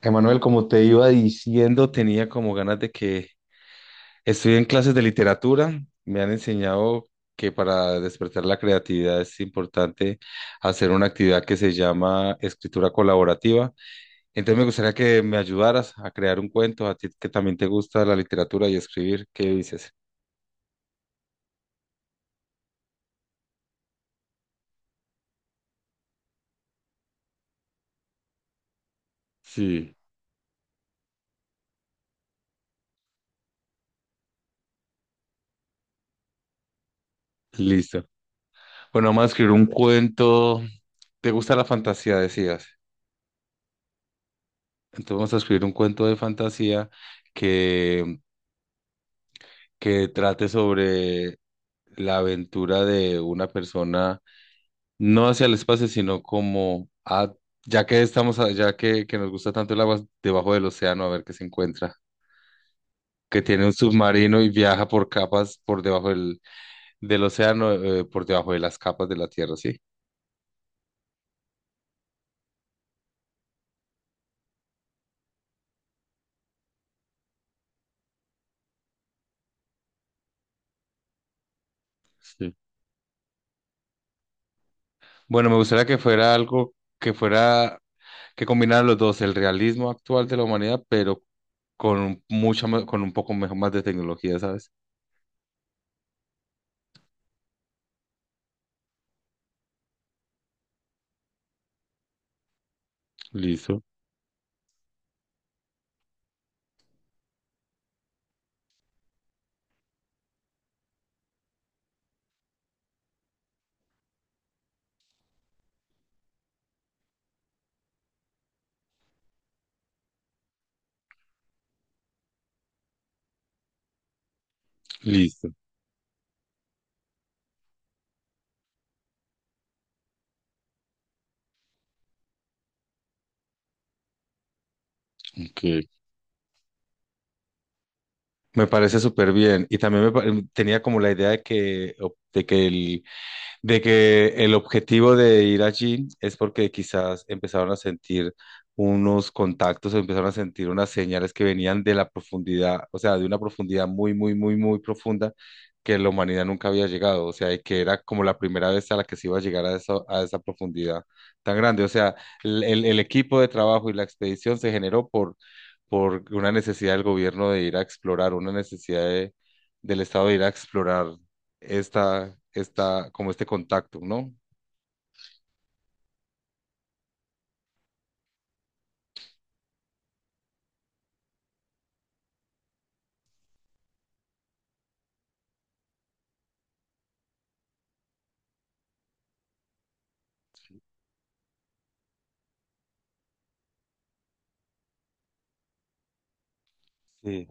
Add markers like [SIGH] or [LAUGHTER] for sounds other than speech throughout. Emanuel, como te iba diciendo, tenía como ganas de que estoy en clases de literatura. Me han enseñado que para despertar la creatividad es importante hacer una actividad que se llama escritura colaborativa. Entonces me gustaría que me ayudaras a crear un cuento, a ti que también te gusta la literatura y escribir. ¿Qué dices? Sí, listo. Bueno, vamos a escribir un cuento. ¿Te gusta la fantasía, decías? Entonces vamos a escribir un cuento de fantasía que, que trate sobre la aventura de una persona, no hacia el espacio, sino como a, ya que estamos, ya que nos gusta tanto el agua, debajo del océano, a ver qué se encuentra. Que tiene un submarino y viaja por capas por debajo del océano, por debajo de las capas de la Tierra, ¿sí? Sí. Bueno, me gustaría que fuera algo que fuera, que combinara los dos, el realismo actual de la humanidad, pero con mucha, con un poco mejor, más de tecnología, ¿sabes? Listo, listo. Ok. Me parece súper bien. Y también tenía como la idea de que, de que de que el objetivo de ir allí es porque quizás empezaron a sentir unos contactos o empezaron a sentir unas señales que venían de la profundidad, o sea, de una profundidad muy, muy, muy, muy profunda que la humanidad nunca había llegado, o sea, y que era como la primera vez a la que se iba a llegar a esa profundidad tan grande. O sea, el equipo de trabajo y la expedición se generó por una necesidad del gobierno de ir a explorar, una necesidad del Estado de ir a explorar esta, como este contacto, ¿no? Sí.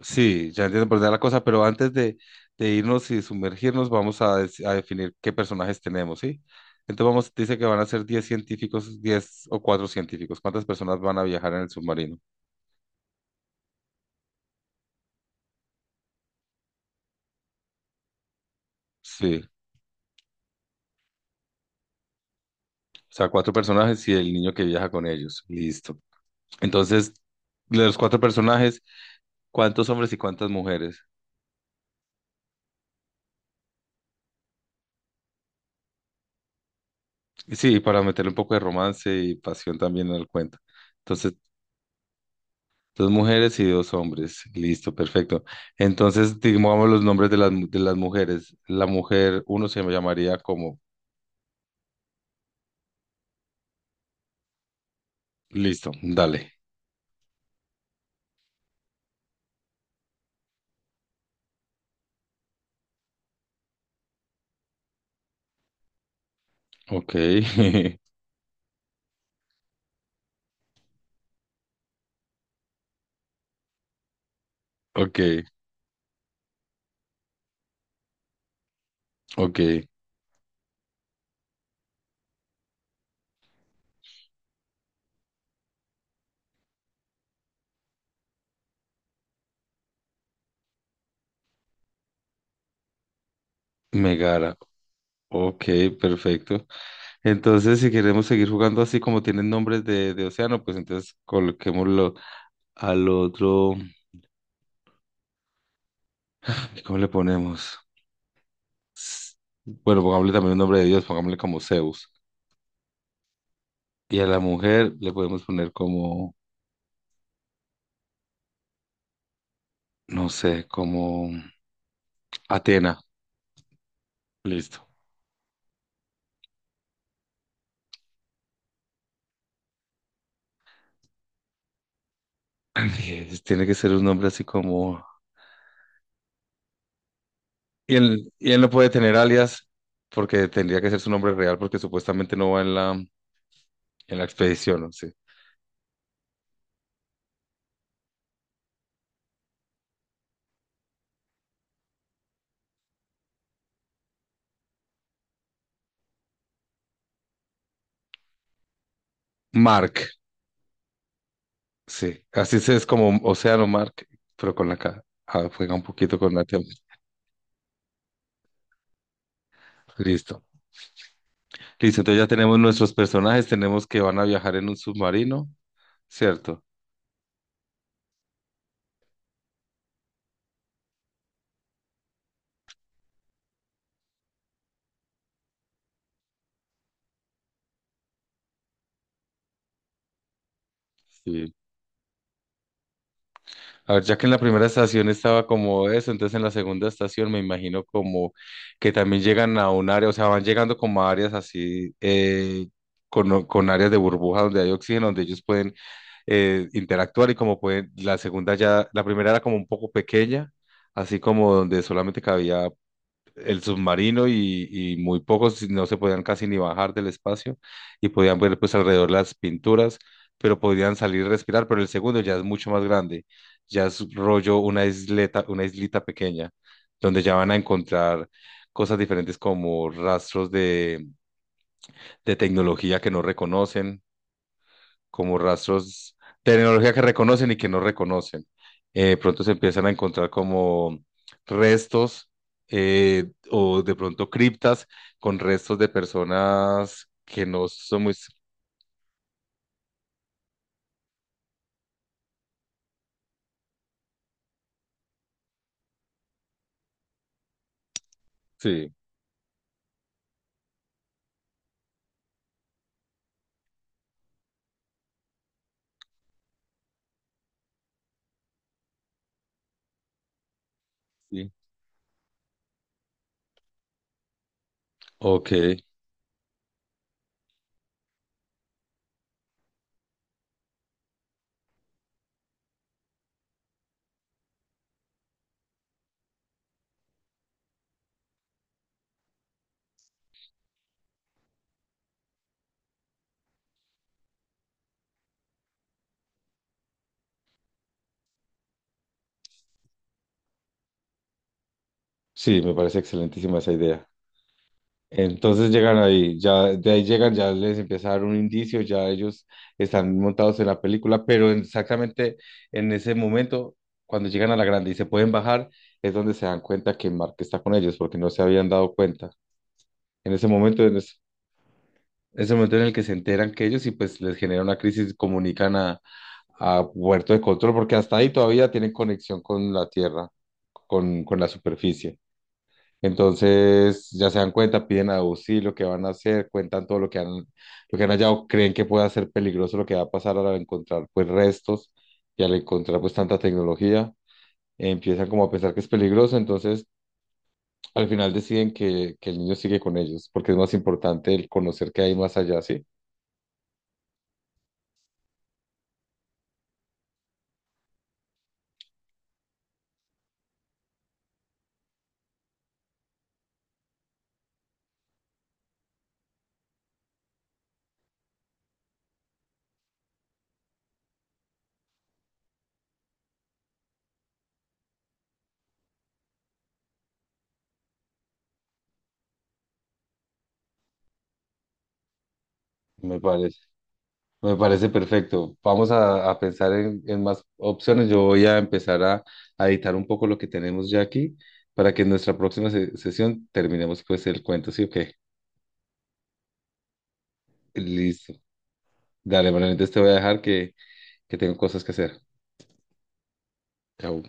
Sí, ya entiendo por dónde va la cosa, pero antes de irnos y sumergirnos, vamos a, a definir qué personajes tenemos, ¿sí? Entonces vamos, dice que van a ser 10 científicos, 10 o 4 científicos. ¿Cuántas personas van a viajar en el submarino? Sí, o sea, cuatro personajes y el niño que viaja con ellos. Listo. Entonces, de los cuatro personajes, ¿cuántos hombres y cuántas mujeres? Y sí, para meterle un poco de romance y pasión también en el cuento. Entonces, dos mujeres y dos hombres. Listo, perfecto. Entonces, digamos los nombres de de las mujeres. La mujer, uno se llamaría como... Listo, dale. Ok, [LAUGHS] ok, ok. Megara. Ok, perfecto. Entonces, si queremos seguir jugando así como tienen nombres de océano, pues entonces coloquémoslo al otro. ¿Cómo le ponemos? S- Bueno, pongámosle también un nombre de Dios, pongámosle como Zeus. Y a la mujer le podemos poner como, no sé, como... Atena, listo. [LAUGHS] Tiene que ser un nombre así como... Y él no puede tener alias porque tendría que ser su nombre real porque supuestamente no va en en la expedición, ¿no? Sí. Mark, sí. Así se es como Océano Mark, pero con la K. Ah, juega un poquito con la T. Listo. Listo, entonces ya tenemos nuestros personajes, tenemos que van a viajar en un submarino, ¿cierto? Sí. A ver, ya que en la primera estación estaba como eso, entonces en la segunda estación me imagino como que también llegan a un área, o sea, van llegando como a áreas así, con áreas de burbuja donde hay oxígeno, donde ellos pueden interactuar y como pueden, la segunda ya, la primera era como un poco pequeña, así como donde solamente cabía el submarino y muy pocos no se podían casi ni bajar del espacio y podían ver pues alrededor las pinturas, pero podían salir y respirar, pero el segundo ya es mucho más grande, ya es rollo una isleta, una islita pequeña, donde ya van a encontrar cosas diferentes como rastros de tecnología que no reconocen como rastros, tecnología que reconocen y que no reconocen. Pronto se empiezan a encontrar como restos o de pronto criptas con restos de personas que no son muy... Sí, sí. Ok, sí, me parece excelentísima esa idea. Entonces llegan ahí, ya de ahí llegan, ya les empieza a dar un indicio, ya ellos están montados en la película, pero exactamente en ese momento, cuando llegan a la grande y se pueden bajar, es donde se dan cuenta que Mark está con ellos, porque no se habían dado cuenta. En ese momento, en ese, ese momento en el que se enteran que ellos y pues les genera una crisis, comunican a Puerto de Control, porque hasta ahí todavía tienen conexión con la Tierra, con la superficie. Entonces ya se dan cuenta, piden auxilio, qué van a hacer, cuentan todo lo que han hallado, creen que puede ser peligroso lo que va a pasar al encontrar pues restos y al encontrar pues tanta tecnología, empiezan como a pensar que es peligroso, entonces al final deciden que el niño sigue con ellos, porque es más importante el conocer qué hay más allá, ¿sí? Me parece. Me parece perfecto. Vamos a pensar en más opciones. Yo voy a empezar a editar un poco lo que tenemos ya aquí para que en nuestra próxima sesión terminemos pues el cuento. Sí, o qué Listo. Dale, bueno, entonces te voy a dejar que tengo cosas que hacer. Chao.